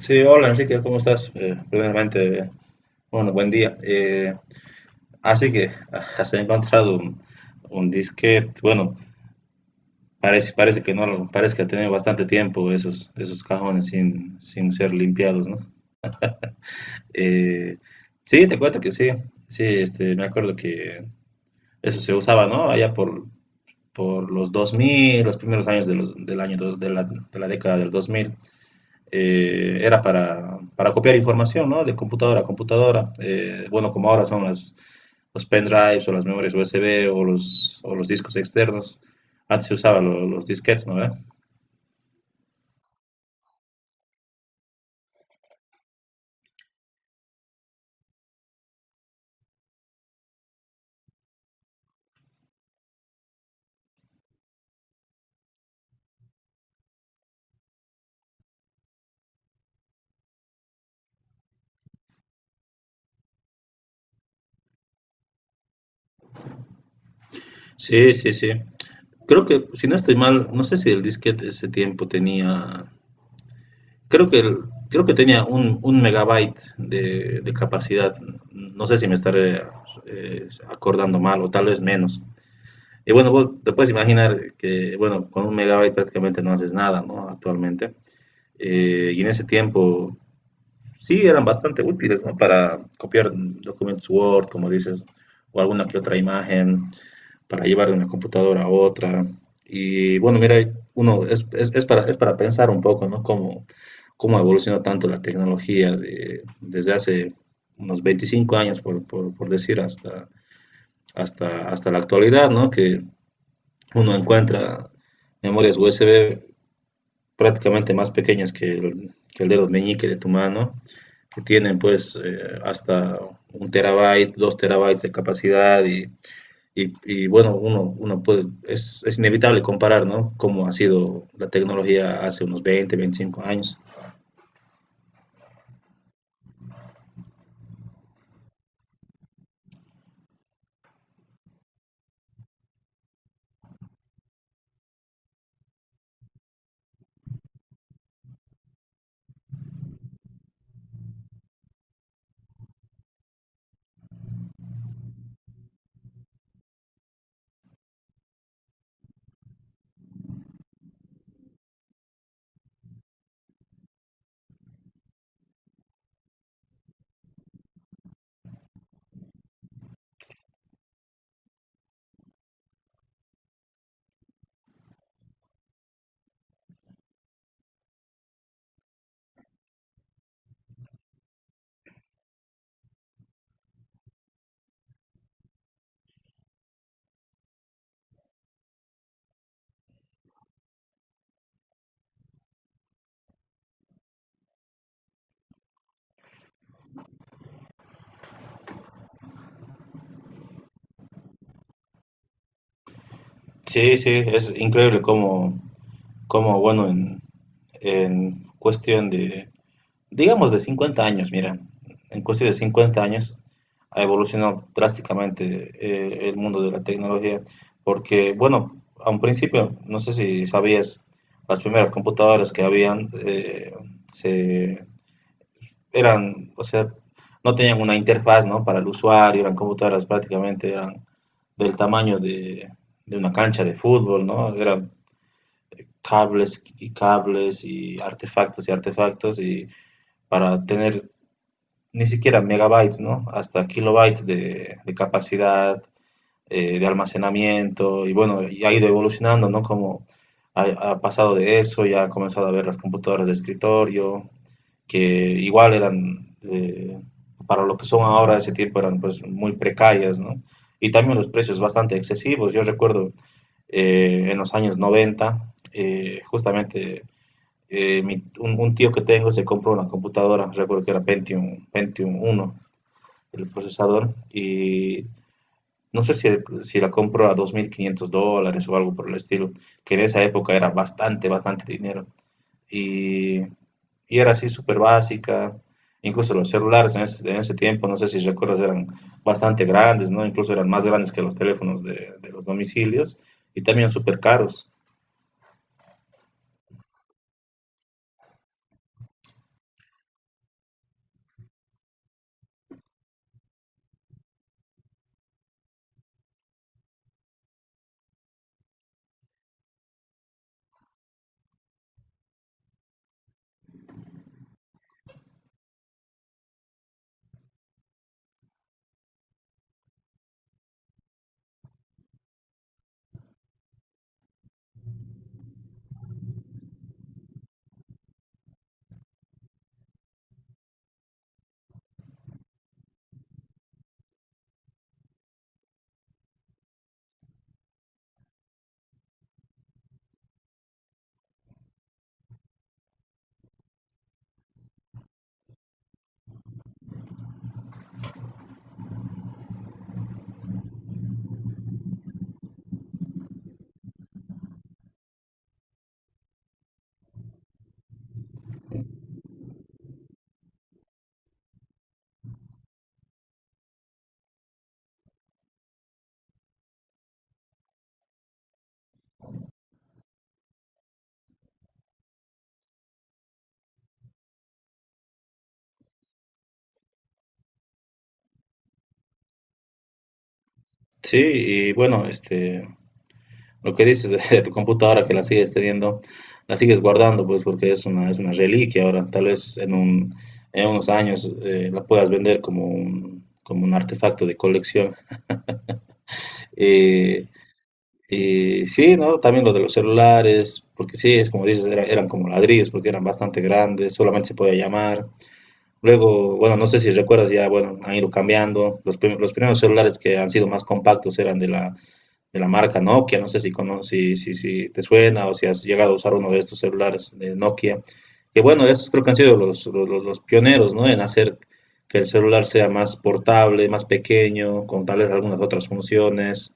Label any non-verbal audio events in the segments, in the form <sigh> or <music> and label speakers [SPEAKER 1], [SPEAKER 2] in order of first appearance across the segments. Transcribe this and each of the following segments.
[SPEAKER 1] Sí, hola Enrique, ¿cómo estás? Primeramente, bueno, buen día. Así que <laughs> has encontrado un disquete. Bueno, parece, parece que no, parece que ha tenido bastante tiempo esos, esos cajones sin ser limpiados, ¿no? Eh, sí, te cuento que sí, sí, este, me acuerdo que eso se usaba, ¿no? Allá por los 2000, los primeros años de los, del año, de la década del 2000. Era para copiar información, ¿no? De computadora a computadora. Bueno, como ahora son los pendrives o las memorias USB o los discos externos. Antes se usaban los disquetes, ¿no? ¿Ve? Sí, sí, sí. Creo que, si no estoy mal, no sé si el disquete ese tiempo tenía, creo que, creo que tenía 1 megabyte de capacidad. No sé si me estaré acordando mal o tal vez menos. Y bueno, vos te puedes imaginar que, bueno, con 1 megabyte prácticamente no haces nada, ¿no? Actualmente. Y en ese tiempo sí eran bastante útiles, ¿no? Para copiar documentos Word, como dices, o alguna que otra imagen, para llevar de una computadora a otra. Y bueno, mira, uno es es para pensar un poco, ¿no? Cómo, cómo evolucionó tanto la tecnología desde hace unos 25 años, por decir, hasta, hasta la actualidad, ¿no? Que uno encuentra memorias USB prácticamente más pequeñas que que el dedo meñique de tu mano, que tienen pues hasta 1 terabyte, 2 terabytes de capacidad y bueno, uno, uno puede, inevitable comparar, ¿no? Cómo ha sido la tecnología hace unos 20 25 años. Sí, sí, es increíble cómo, cómo bueno, en cuestión de digamos de 50 años, mira, en cuestión de 50 años ha evolucionado drásticamente el mundo de la tecnología, porque, bueno, a un principio, no sé si sabías, las primeras computadoras que habían se, eran, o sea, no tenían una interfaz, ¿no? Para el usuario, eran computadoras prácticamente, eran del tamaño de una cancha de fútbol, ¿no? Eran cables y cables y artefactos y artefactos y para tener ni siquiera megabytes, ¿no? Hasta kilobytes de capacidad, de almacenamiento. Y bueno, y ha ido evolucionando, ¿no? Como ha, ha pasado de eso, ya ha comenzado a ver las computadoras de escritorio, que igual eran, para lo que son ahora ese tiempo, eran pues muy precarias, ¿no? Y también los precios bastante excesivos. Yo recuerdo en los años 90, justamente tío que tengo se compró una computadora, recuerdo que era Pentium, Pentium uno el procesador y no sé si la compro a $2.500 o algo por el estilo, que en esa época era bastante, bastante dinero. Y, y era así súper básica, incluso los celulares en en ese tiempo, no sé si recuerdas, eran bastante grandes, ¿no? Incluso eran más grandes que los teléfonos de los domicilios y también súper caros. Sí, y bueno, este, lo que dices de tu computadora que la sigues teniendo, la sigues guardando, pues porque es una reliquia ahora. Tal vez en unos años la puedas vender como un artefacto de colección. Eh, y sí, ¿no? También lo de los celulares, porque sí, es como dices, eran como ladrillos, porque eran bastante grandes, solamente se podía llamar. Luego, bueno, no sé si recuerdas ya, bueno, han ido cambiando. Los primeros celulares que han sido más compactos eran de de la marca Nokia, no sé si, te suena o si has llegado a usar uno de estos celulares de Nokia, que bueno, esos creo que han sido los pioneros, ¿no? En hacer que el celular sea más portable, más pequeño, con tal vez algunas otras funciones.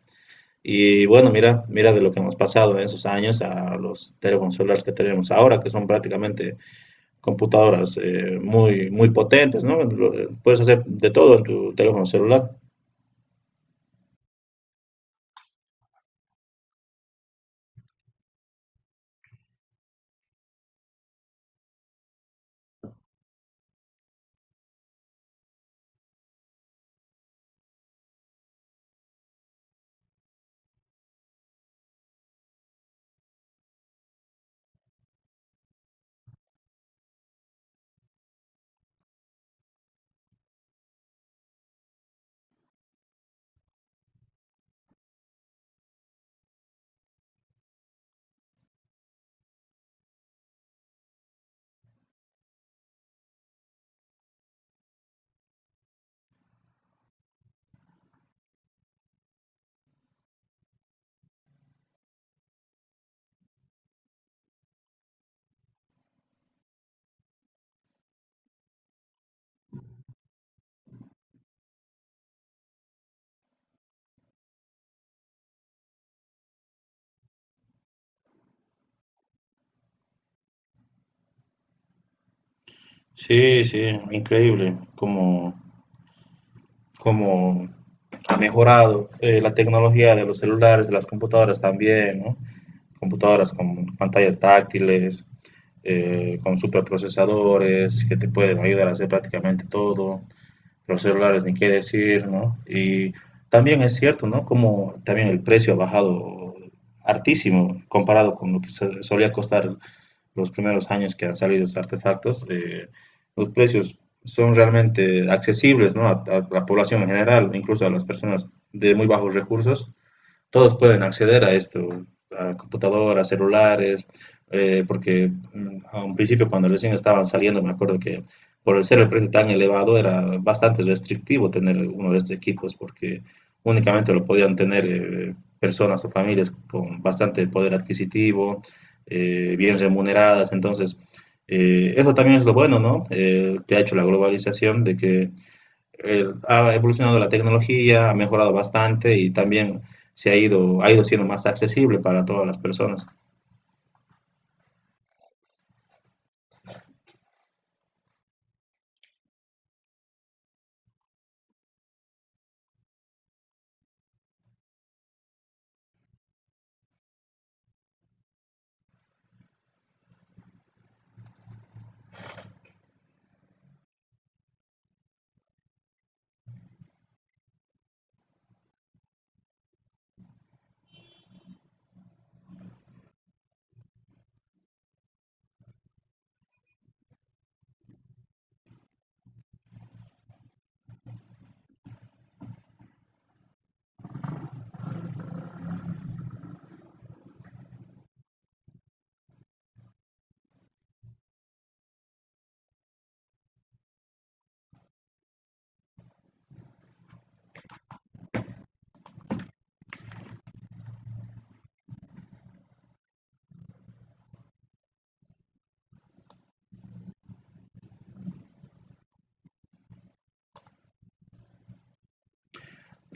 [SPEAKER 1] Y bueno, mira, mira de lo que hemos pasado en esos años a los teléfonos celulares que tenemos ahora, que son prácticamente computadoras muy, muy potentes, ¿no? Puedes hacer de todo en tu teléfono celular. Sí, sí, increíble. Como como ha mejorado la tecnología de los celulares, de las computadoras también, ¿no? Computadoras con pantallas táctiles, con superprocesadores que te pueden ayudar a hacer prácticamente todo, los celulares ni qué decir, ¿no? Y también es cierto, ¿no? Como también el precio ha bajado hartísimo comparado con lo que solía costar los primeros años que han salido estos artefactos. Los precios son realmente accesibles, ¿no? A la población en general, incluso a las personas de muy bajos recursos, todos pueden acceder a esto, a computadoras, celulares, porque a un principio cuando recién estaban saliendo, me acuerdo que por el ser el precio tan elevado era bastante restrictivo tener uno de estos equipos porque únicamente lo podían tener personas o familias con bastante poder adquisitivo, bien remuneradas. Entonces, eso también es lo bueno, ¿no? Que ha hecho la globalización de que ha evolucionado la tecnología, ha mejorado bastante y también se ha ido siendo más accesible para todas las personas.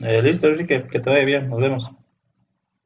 [SPEAKER 1] Listo, Enrique, que te vaya bien, nos vemos.